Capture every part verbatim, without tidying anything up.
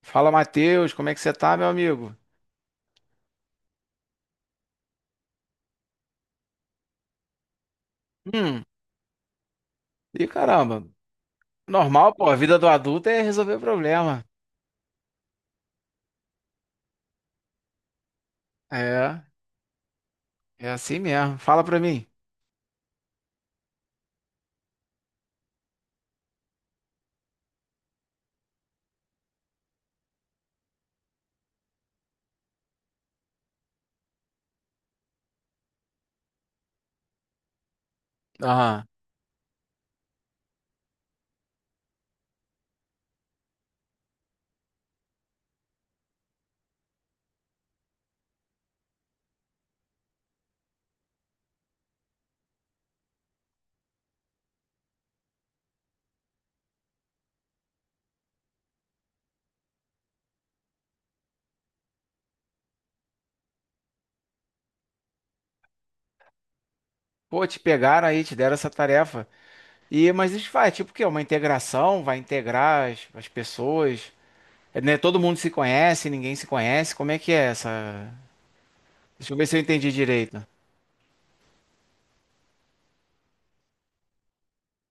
Fala, Matheus, como é que você tá, meu amigo? Hum, e caramba, normal, pô, a vida do adulto é resolver problema. É, é assim mesmo. Fala pra mim. Aham. Pô, te pegaram aí, te deram essa tarefa. E, mas isso vai, tipo o quê? Uma integração, vai integrar as, as pessoas. É, né, todo mundo se conhece, ninguém se conhece. Como é que é essa? Deixa eu ver se eu entendi direito.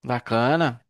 Bacana.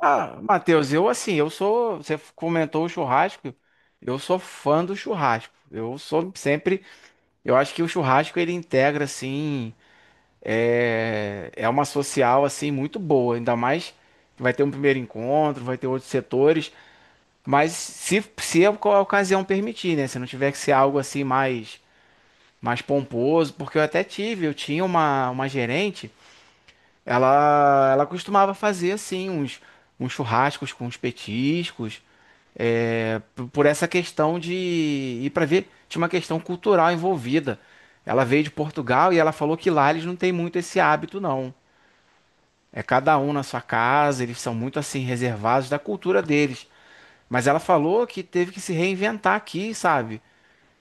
Ah, Matheus, eu assim, eu sou. Você comentou o churrasco. Eu sou fã do churrasco. Eu sou sempre. Eu acho que o churrasco ele integra assim, é, é uma social assim muito boa, ainda mais que vai ter um primeiro encontro, vai ter outros setores, mas se, se a oca- a ocasião permitir, né? Se não tiver que ser algo assim mais mais pomposo, porque eu até tive, eu tinha uma, uma gerente, ela ela costumava fazer assim uns uns churrascos com uns petiscos, é, p- por essa questão de ir para ver, tinha uma questão cultural envolvida. Ela veio de Portugal e ela falou que lá eles não têm muito esse hábito, não. É cada um na sua casa, eles são muito assim reservados da cultura deles. Mas ela falou que teve que se reinventar aqui, sabe?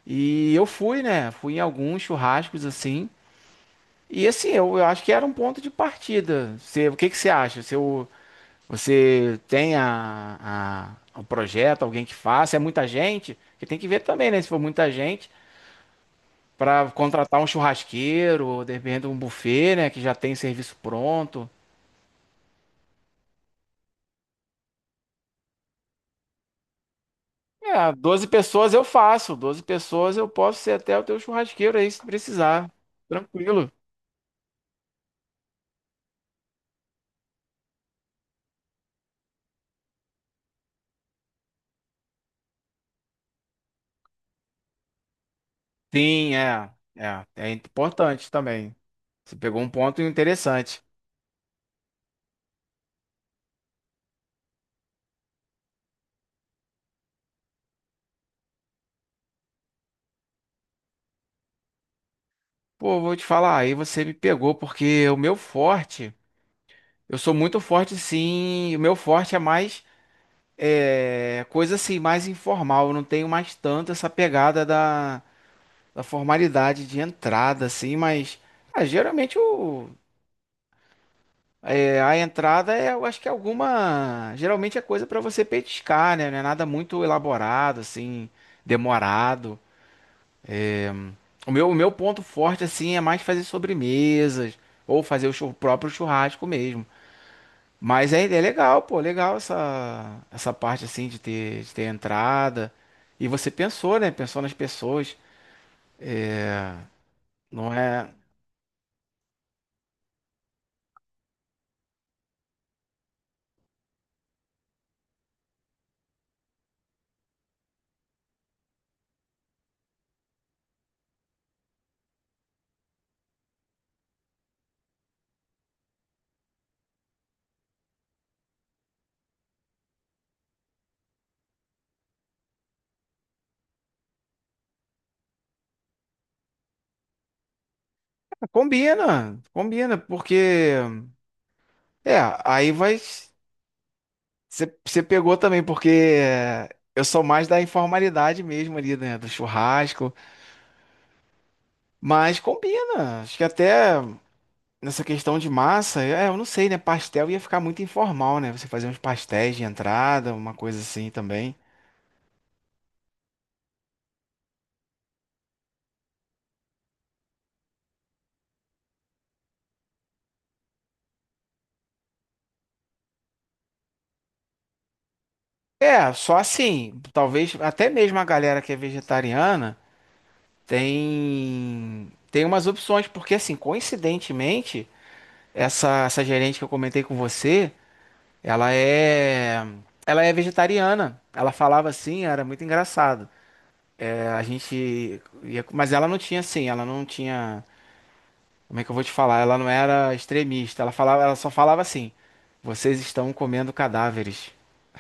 E eu fui, né? Fui em alguns churrascos assim. E assim, eu, eu acho que era um ponto de partida. Você, o que que você acha? Você, você tem a, a- o projeto, alguém que faça, é muita gente, que tem que ver também, né? Se for muita gente, para contratar um churrasqueiro, ou de repente um buffet, né? Que já tem serviço pronto. É, doze pessoas eu faço, doze pessoas eu posso ser até o teu churrasqueiro aí, se precisar. Tranquilo. Sim, é, é, é importante também. Você pegou um ponto interessante. Pô, vou te falar, aí você me pegou, porque o meu forte, eu sou muito forte sim, o meu forte é mais. É coisa assim, mais informal. Eu não tenho mais tanto essa pegada da, da formalidade de entrada, assim, mas ah, geralmente o, é, a entrada é, eu acho que é alguma. Geralmente é coisa pra você petiscar, né? Não é nada muito elaborado, assim, demorado. O meu, o meu ponto forte, assim, é mais fazer sobremesas ou fazer o chu- próprio churrasco mesmo. Mas é, é legal, pô, legal essa, essa parte assim de ter, de ter entrada. E você pensou, né? Pensou nas pessoas. É, não é. Combina, combina, porque. É, aí vai. Você você pegou também, porque é, eu sou mais da informalidade mesmo ali, né? Do churrasco. Mas combina. Acho que até nessa questão de massa, é, eu não sei, né? Pastel ia ficar muito informal, né? Você fazer uns pastéis de entrada, uma coisa assim também. É, só assim, talvez até mesmo a galera que é vegetariana tem tem umas opções, porque assim, coincidentemente, essa essa gerente que eu comentei com você, ela é ela é vegetariana. Ela falava assim, era muito engraçado. É, a gente ia- mas ela não tinha assim, ela não tinha, como é que eu vou te falar? Ela não era extremista. Ela falava, ela só falava assim: "Vocês estão comendo cadáveres".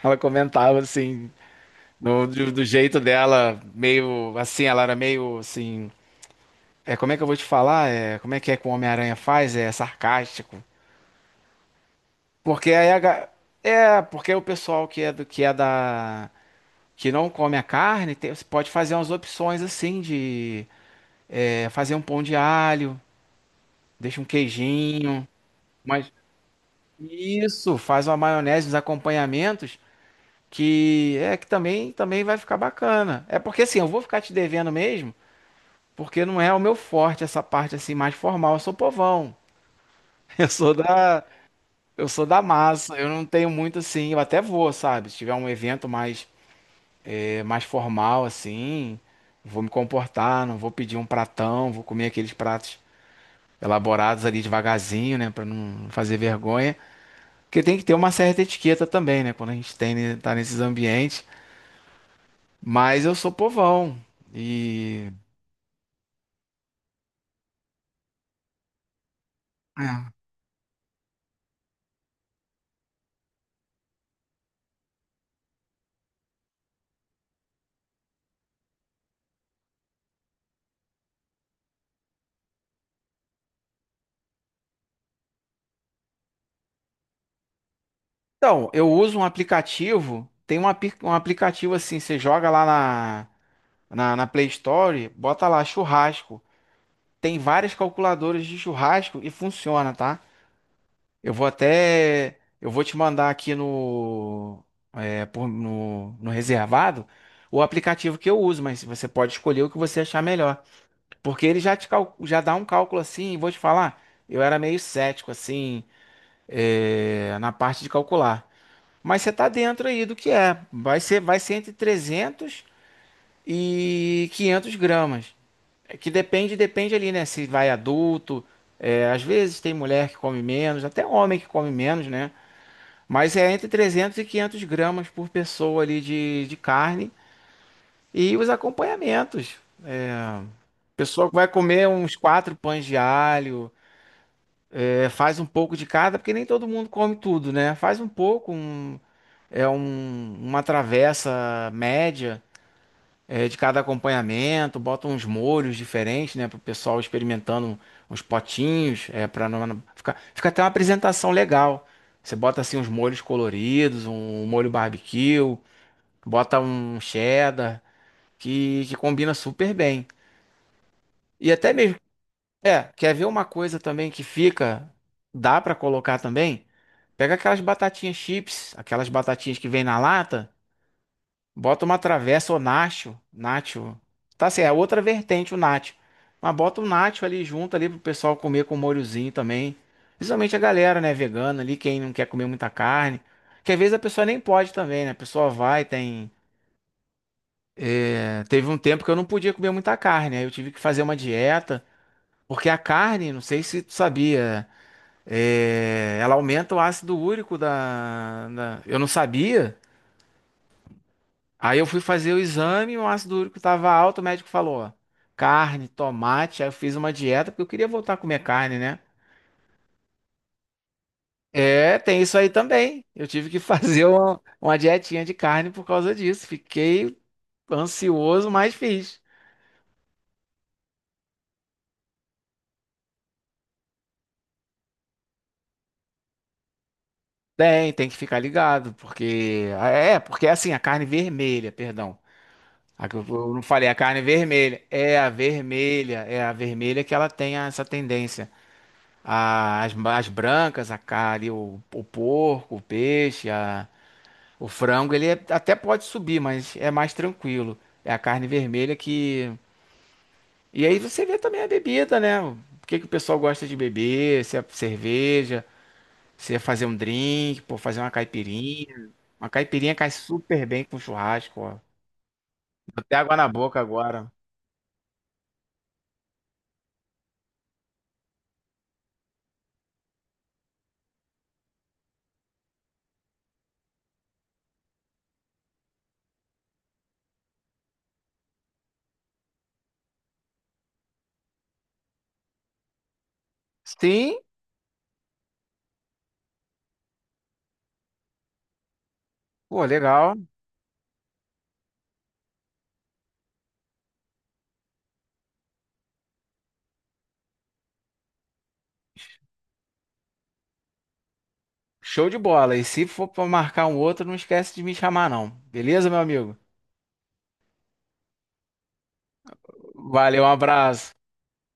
Ela comentava assim, Do, do, do jeito dela, meio assim, ela era meio assim. É, como é que eu vou te falar? É, como é que é que o Homem-Aranha faz? É sarcástico. Porque aí a, ga- é, porque o pessoal que é do que é da que não come a carne, tem- você pode fazer umas opções assim de é, fazer um pão de alho, deixa um queijinho, mas isso, faz uma maionese, uns acompanhamentos que é que também também vai ficar bacana. É porque assim, eu vou ficar te devendo mesmo. Porque não é o meu forte essa parte assim mais formal. Eu sou povão. Eu sou da, eu sou da massa. Eu não tenho muito assim. Eu até vou, sabe? Se tiver um evento mais, eh, mais formal assim, vou me comportar. Não vou pedir um pratão. Vou comer aqueles pratos elaborados ali devagarzinho, né? Pra não fazer vergonha. Porque tem que ter uma certa etiqueta também, né? Quando a gente tem, né, tá nesses ambientes. Mas eu sou povão. E. É. Então, eu uso um aplicativo, tem um, api- um aplicativo assim, você joga lá na, na, na Play Store, bota lá churrasco. Tem várias calculadoras de churrasco e funciona, tá? Eu vou até, eu vou te mandar aqui no, é, por- no, no, reservado o aplicativo que eu uso, mas você pode escolher o que você achar melhor. Porque ele já te cal- já dá um cálculo assim, e vou te falar, eu era meio cético assim, é, na parte de calcular. Mas você está dentro aí do que é. Vai ser, vai ser entre trezentos e quinhentos gramas. É que depende, depende ali, né? Se vai adulto. É, às vezes tem mulher que come menos, até homem que come menos, né? Mas é entre trezentos e quinhentos gramas por pessoa ali de, de carne. E os acompanhamentos. É, a pessoa vai comer uns quatro pães de alho, é, faz um pouco de cada, porque nem todo mundo come tudo, né? Faz um pouco, um, é um- uma travessa média. É, de cada acompanhamento, bota uns molhos diferentes, né, para o pessoal experimentando uns potinhos, é, para não, não- ficar, fica até uma apresentação legal. Você bota assim uns molhos coloridos, um um molho barbecue, bota um cheddar que, que combina super bem. E até mesmo, é, quer ver uma coisa também que fica, dá para colocar também? Pega aquelas batatinhas chips, aquelas batatinhas que vem na lata. Bota uma travessa ou nacho, nacho. Tá certo, é outra vertente o nacho. Mas bota o nacho ali junto ali pro pessoal comer com molhozinho também. Principalmente a galera, né, vegana ali, quem não quer comer muita carne. Que às vezes a pessoa nem pode também, né? A pessoa vai, tem. É, teve um tempo que eu não podia comer muita carne, aí eu tive que fazer uma dieta, porque a carne, não sei se tu sabia, é, ela aumenta o ácido úrico da... da... Eu não sabia. Aí eu fui fazer o exame, o ácido úrico estava alto, o médico falou, ó, carne, tomate, aí eu fiz uma dieta, porque eu queria voltar a comer carne, né? É, tem isso aí também. Eu tive que fazer uma, uma dietinha de carne por causa disso. Fiquei ansioso, mas fiz. Tem, tem que ficar ligado, porque. É, é, porque é assim, a carne vermelha, perdão. A que eu eu não falei, a carne vermelha. É a vermelha, é a vermelha que ela tem essa tendência. A- as, as brancas, a carne, o, o porco, o peixe, a- o frango, ele é- até pode subir, mas é mais tranquilo. É a carne vermelha que. E aí você vê também a bebida, né? O que que o pessoal gosta de beber? Se é cerveja, se é fazer um drink, pô, fazer uma caipirinha. Uma caipirinha cai super bem com churrasco, ó. Deu até água na boca agora. Sim, pô, legal. Show de bola. E se for pra marcar um outro, não esquece de me chamar, não. Beleza, meu amigo? Valeu, um abraço.